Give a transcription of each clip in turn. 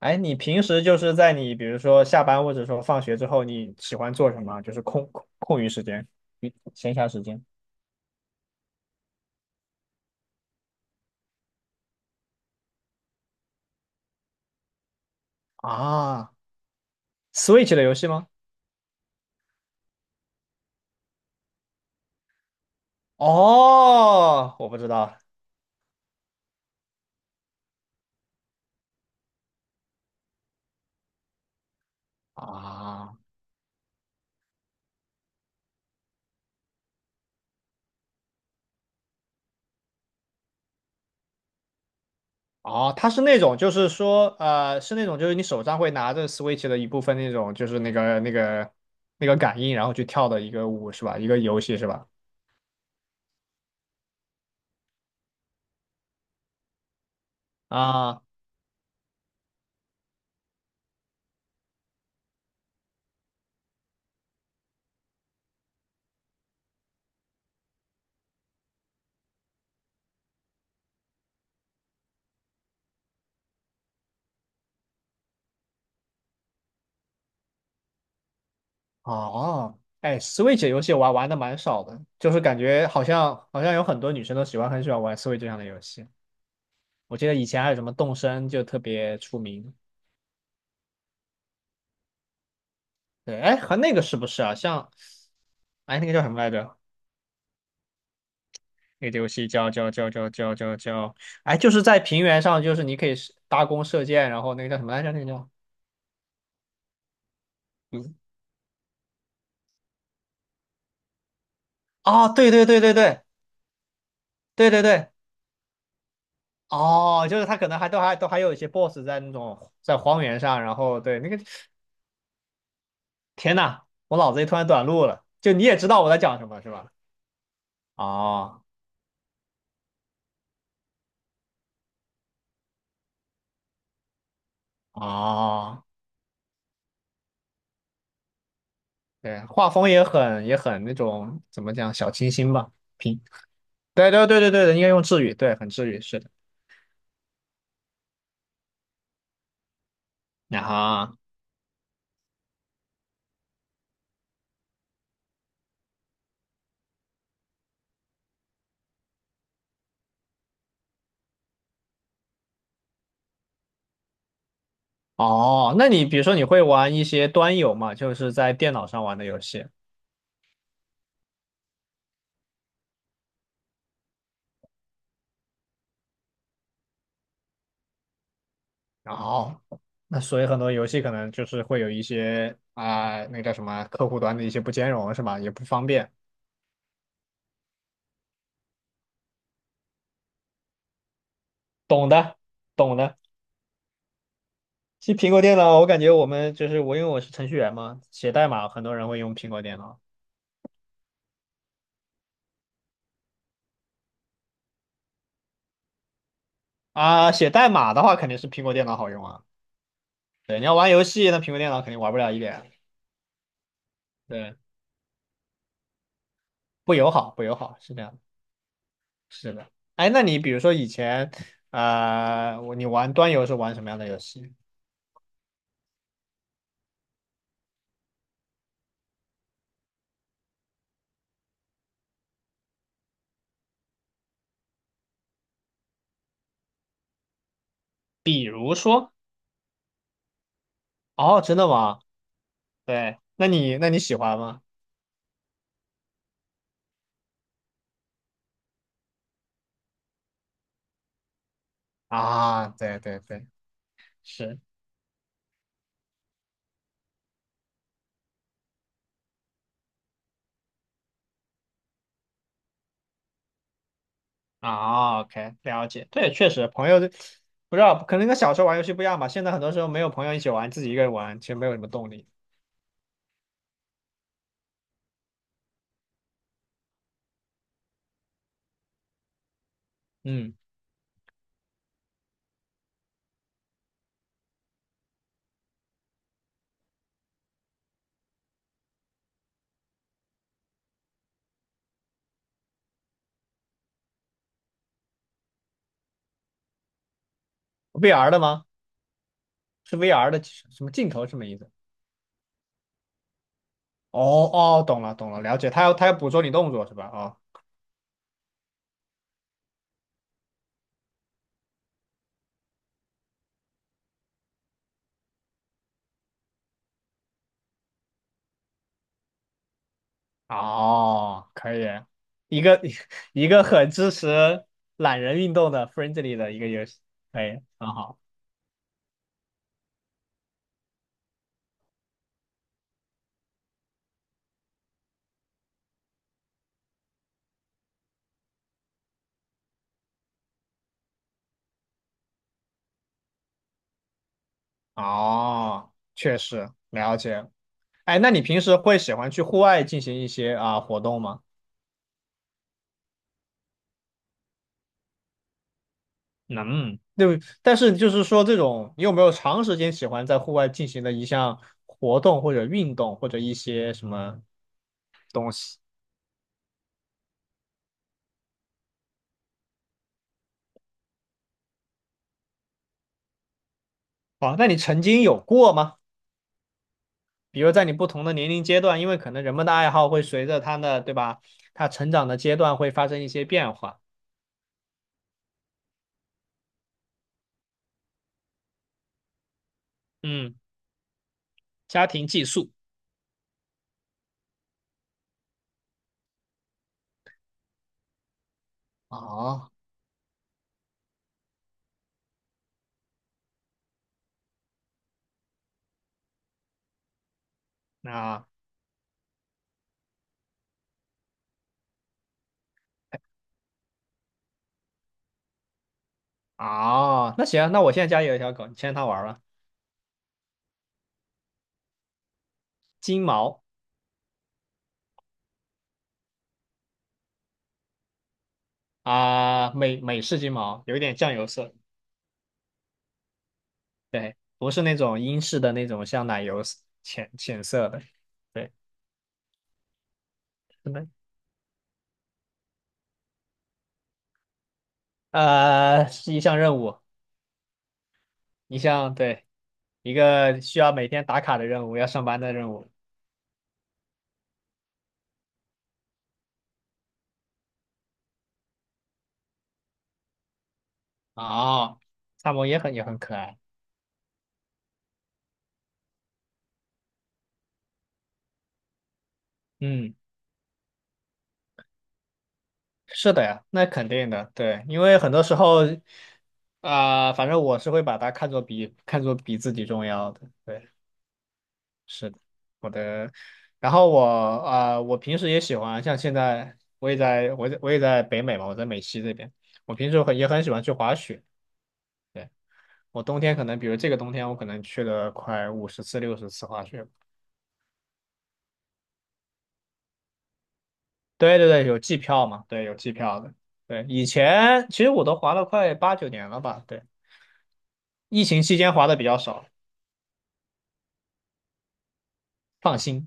哎，你平时就是在你比如说下班或者说放学之后，你喜欢做什么？就是空余时间、闲暇时间啊？Switch 的游戏吗？哦，我不知道啊。哦，它是那种，就是说，是那种，就是你手上会拿着 Switch 的一部分那种，就是那个感应，然后去跳的一个舞是吧？一个游戏是吧？啊。哦，哎，Switch 游戏我玩的蛮少的，就是感觉好像有很多女生都很喜欢玩 Switch 上的游戏。我记得以前还有什么动森就特别出名。对，哎，和那个是不是啊？像，哎，那个叫什么来着？那个游戏叫，哎，就是在平原上，就是你可以是搭弓射箭，然后那个叫什么来着？那个叫，嗯，哦，对对对对对对对对。哦，就是他可能还有一些 boss 在那种在荒原上，然后对那个天呐，我脑子里突然短路了。就你也知道我在讲什么，是吧？哦哦，对，画风也很那种怎么讲小清新吧，平。对对对对对，应该用治愈，对，很治愈，是的。啊哈，哦，那你比如说你会玩一些端游嘛，就是在电脑上玩的游戏。然后，那所以很多游戏可能就是会有一些啊、那个叫什么客户端的一些不兼容，是吧？也不方便。懂的，懂的。其实苹果电脑，我感觉我，因为我是程序员嘛，写代码很多人会用苹果电脑啊。写代码的话，肯定是苹果电脑好用啊。对，你要玩游戏，那苹果电脑肯定玩不了一点。对，不友好，不友好，是这样的，是的。哎，那你比如说以前，你玩端游是玩什么样的游戏？比如说，哦，真的吗？对，那你喜欢吗？啊，对对对，是。啊，OK，了解。对，确实，朋友不知道，可能跟小时候玩游戏不一样吧。现在很多时候没有朋友一起玩，自己一个人玩，其实没有什么动力。嗯，VR 的吗？是 VR 的什么镜头什么意思？哦哦，懂了懂了，了解。他要捕捉你动作是吧？哦哦，可以，一个 一个很支持懒人运动的 friendly 的一个游戏，可以，很好。哦，确实了解。哎，那你平时会喜欢去户外进行一些啊、活动吗？能，对，但是就是说，这种你有没有长时间喜欢在户外进行的一项活动或者运动或者一些什么东西？哦，那你曾经有过吗？比如在你不同的年龄阶段，因为可能人们的爱好会随着他的，对吧？他成长的阶段会发生一些变化。嗯，家庭寄宿。哦，那那行，那我现在家里有一条狗，你牵它玩儿吧，金毛啊，美式金毛，有一点酱油色。对，不是那种英式的那种像奶油色浅浅色的，对，是的，是一项任务，对，一个需要每天打卡的任务，要上班的任务。哦，萨摩耶也很可爱，嗯，是的呀，那肯定的，对，因为很多时候，啊、反正我是会把它看作比自己重要的，对。是的，我的。然后我平时也喜欢，像现在我也在北美嘛，我在美西这边。我平时也很喜欢去滑雪。对，我冬天可能，比如这个冬天，我可能去了快50次、60次滑雪。对对对，有季票嘛？对，有季票的。对，以前其实我都滑了快8、9年了吧？对，疫情期间滑的比较少，放心。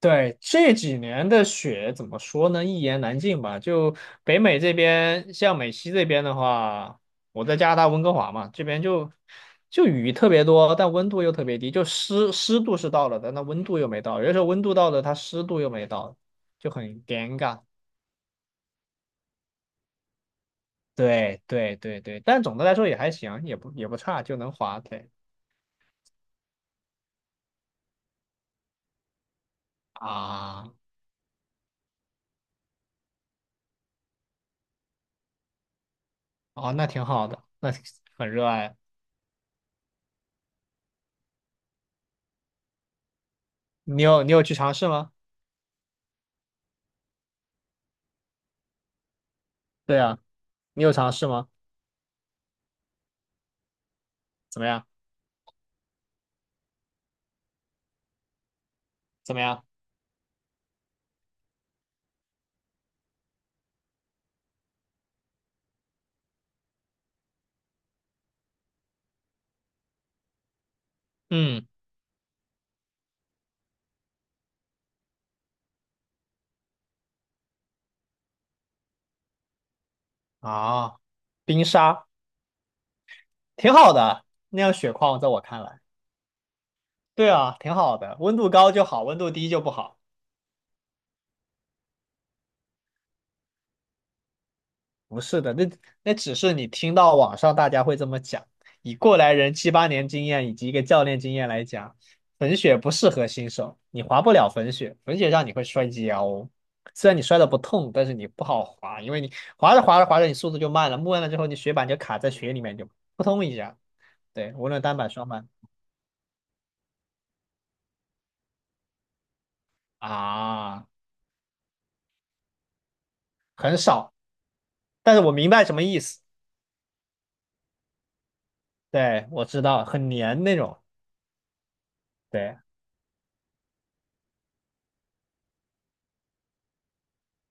对，这几年的雪怎么说呢？一言难尽吧。就北美这边，像美西这边的话，我在加拿大温哥华嘛，这边就雨特别多，但温度又特别低，就湿度是到了的，但那温度又没到，有的时候温度到了，它湿度又没到，就很尴尬。对对对对，但总的来说也还行，也不差，就能滑。对啊，哦，那挺好的，那很热爱。你有去尝试吗？对啊，你有尝试吗？怎么样？怎么样？嗯，啊，冰沙挺好的，那样雪况在我看来，对啊，挺好的，温度高就好，温度低就不好。不是的，那只是你听到网上大家会这么讲，以过来人7、8年经验以及一个教练经验来讲，粉雪不适合新手，你滑不了粉雪，粉雪上你会摔跤哦，虽然你摔的不痛，但是你不好滑，因为你滑着滑着滑着你速度就慢了，慢了之后你雪板就卡在雪里面就扑通一下，对，无论单板双板。啊。很少，但是我明白什么意思。对，我知道，很黏那种。对，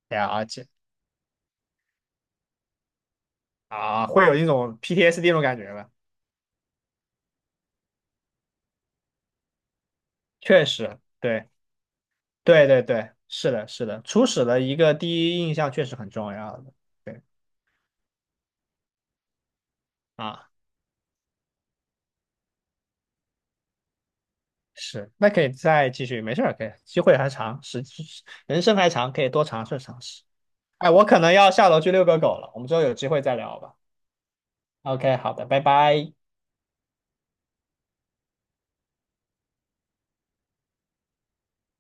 对解而且啊，会有一种 PTSD 那种感觉吧？确实，对，对对对，是的，是的，初始的一个第一印象确实很重要的。对啊，是，那可以再继续，没事儿，可以，机会还长，人生还长，可以多尝试尝试。哎，我可能要下楼去遛个狗了，我们之后有机会再聊吧。OK，好的，拜拜。